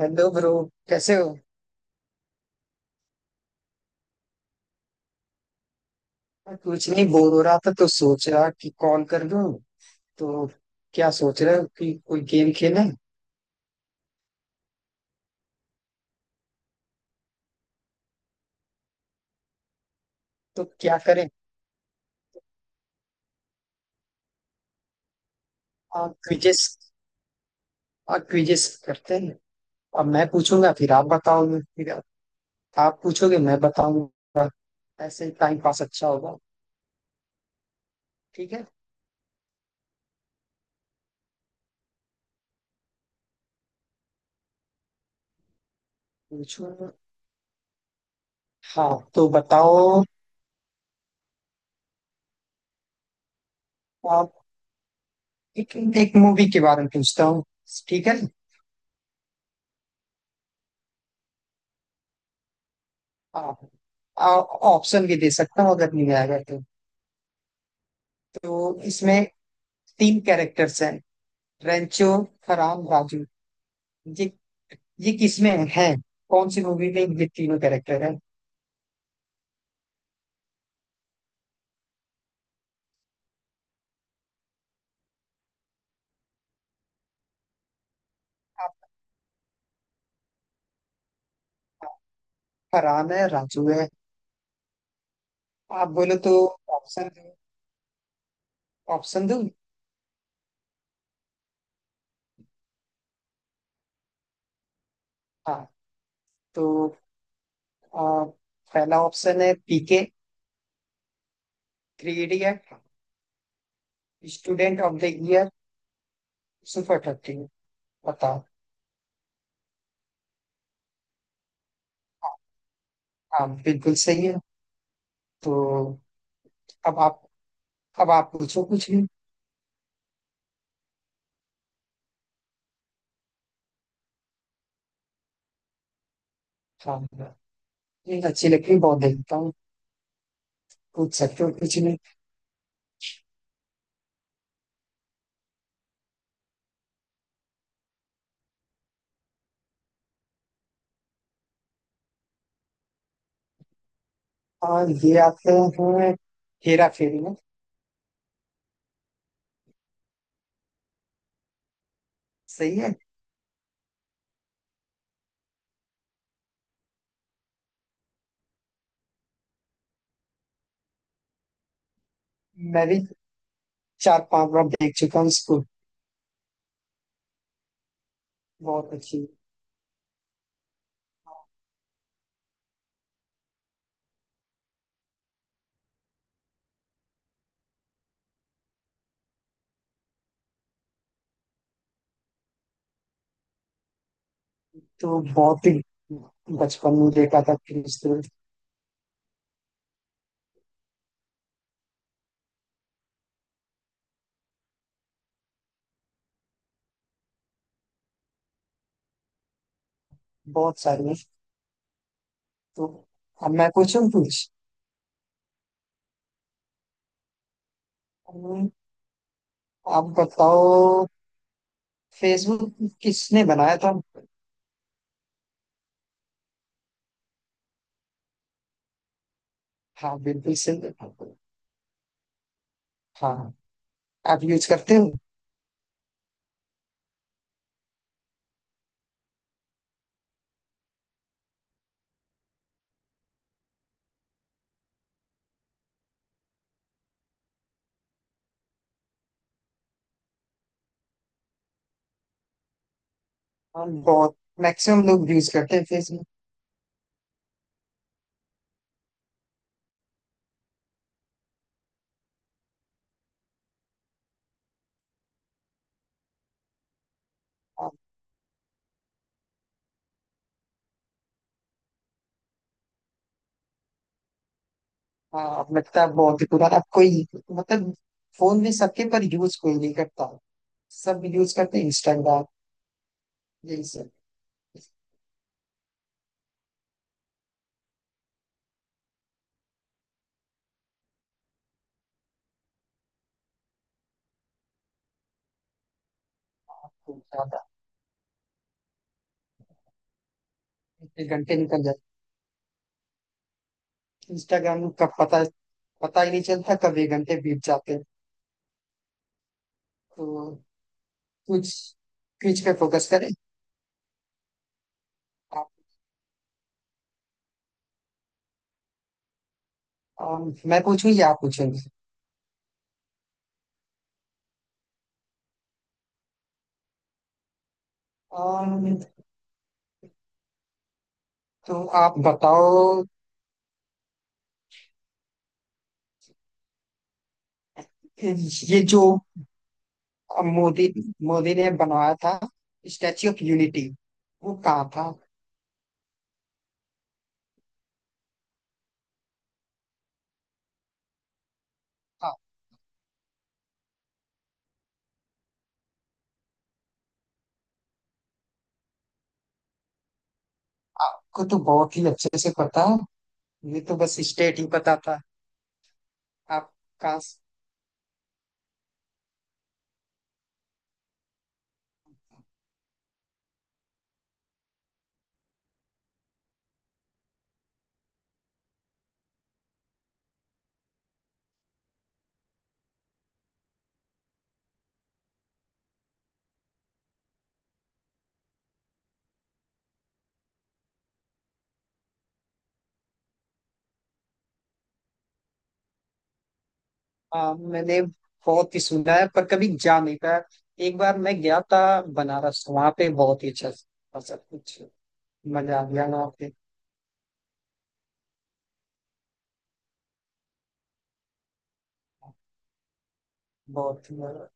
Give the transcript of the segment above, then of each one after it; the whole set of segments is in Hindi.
Hello bro. कैसे हो। कुछ नहीं, बोर हो रहा था तो सोचा कि कॉल कर लूं। तो क्या सोच रहे हो कि कोई गेम खेलें। तो क्या करें। आप क्विजेस, आप क्विजेस करते हैं। अब मैं पूछूंगा फिर आप बताओगे, फिर आप पूछोगे मैं बताऊंगा। ऐसे ही टाइम पास अच्छा होगा। ठीक है। पूछूंगा। हाँ तो बताओ। आप एक मूवी के बारे में पूछता हूँ। ठीक है। हाँ। आ- ऑप्शन भी दे सकता हूँ अगर नहीं आएगा तो। तो इसमें तीन कैरेक्टर्स हैं। रेंचो, फरहान, राजू। ये ये किसमें है। कौन सी मूवी में ये तीनों कैरेक्टर है। फरहान है, राजू है। आप बोलो तो ऑप्शन, ऑप्शन दूं। हाँ तो आ, पहला ऑप्शन है PK, three idiot, student of the year, super thirty. बताओ। हाँ बिल्कुल सही है। तो अब आप, अब आप पूछो कुछ भी। हाँ ये अच्छी लगती है, बहुत देखता हूँ। पूछ सकते हो कुछ नहीं। हाँ ये आते हैं हेरा फेरी में। सही है। मैं भी 4 5 बार देख चुका हूँ इसको। बहुत अच्छी। तो बहुत ही बचपन में देखा था फिर इसको। बहुत सारी है। तो अब मैं पूछूं कुछ। हम्म, आप बताओ। फेसबुक किसने बनाया था। हाँ बिल्कुल सही। हाँ आप यूज करते हो। हाँ बहुत, मैक्सिमम लोग यूज करते हैं फेसबुक। हाँ अब लगता है बहुत ही पुराना, अब कोई, मतलब फोन भी सबके पर यूज कोई नहीं करता। सब यूज करते हैं इंस्टाग्राम, यही सब। ज्यादा इतने घंटे निकल जाते, इंस्टाग्राम का पता, पता ही नहीं चलता कब ये घंटे बीत जाते हैं। तो कुछ क्विज पे फोकस करें। आप, मैं पूछूं या आप पूछेंगे। अम, तो आप बताओ। ये जो मोदी, मोदी ने बनाया था स्टैच्यू ऑफ यूनिटी, वो कहाँ था। आपको तो बहुत ही अच्छे से पता है। ये तो बस स्टेट ही पता था। आपका। मैंने बहुत ही सुना है पर कभी जा नहीं पाया। एक बार मैं गया था बनारस, वहां पे बहुत ही अच्छा था सब कुछ। मजा आ गया वहाँ पे। बहुत ही मजा।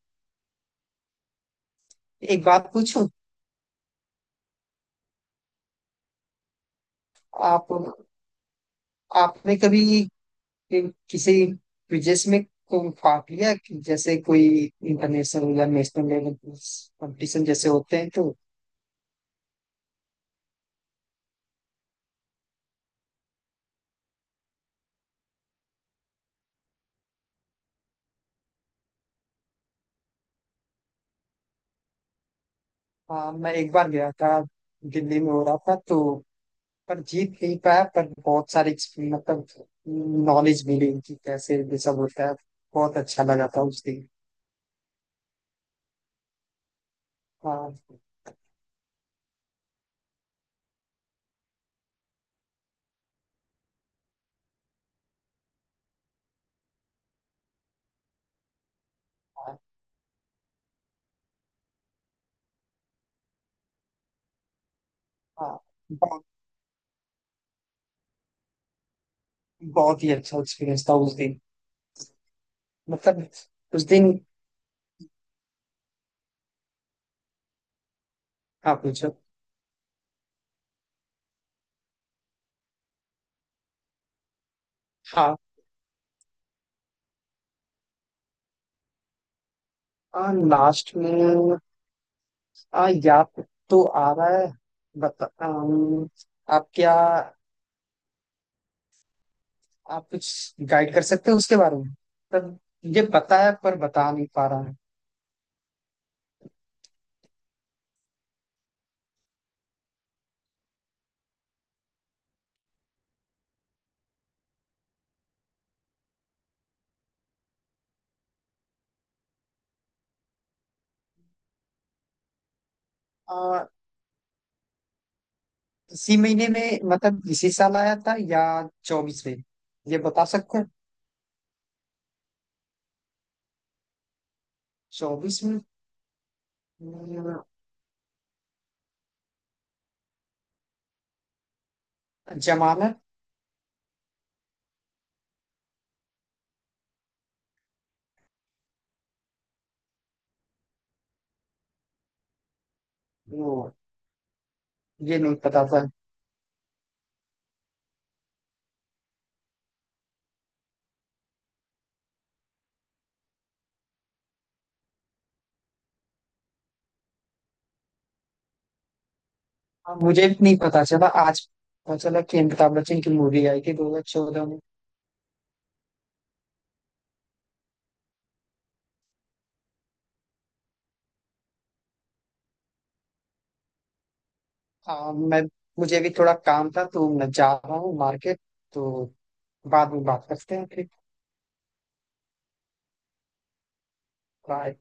एक बात पूछूं। आप, आपने कभी किसी क्विजेस में भाग लिया कि जैसे कोई इंटरनेशनल या नेशनल लेवल कंपटीशन जैसे होते हैं तो। हाँ मैं एक बार गया था, दिल्ली में हो रहा था तो, पर जीत नहीं पाया पर बहुत सारी मतलब नॉलेज मिली उनकी कैसे ये सब होता है। बहुत अच्छा लगा था उस दिन। हाँ। हाँ। हाँ। बहुत, बहुत ही अच्छा एक्सपीरियंस था उस दिन, मतलब उस दिन। हाँ पूछो। हाँ। हाँ लास्ट में, हाँ याद तो आ रहा है। बता, आप क्या, आप कुछ गाइड कर सकते हो उसके बारे में, मतलब ये पता है पर बता नहीं पा रहा हूँ। आ, इसी महीने में, मतलब इसी साल आया था या 24 में, ये बता सकते हैं। 24 में। हम्म, जमानत। वो, ये नहीं पता था। हाँ, मुझे भी नहीं पता चला। आज पता चला कि अमिताभ बच्चन की मूवी आई थी 2014। हाँ मैं, मुझे भी थोड़ा काम था तो मैं जा रहा हूँ मार्केट। तो बाद में बात करते हैं फिर। बाय।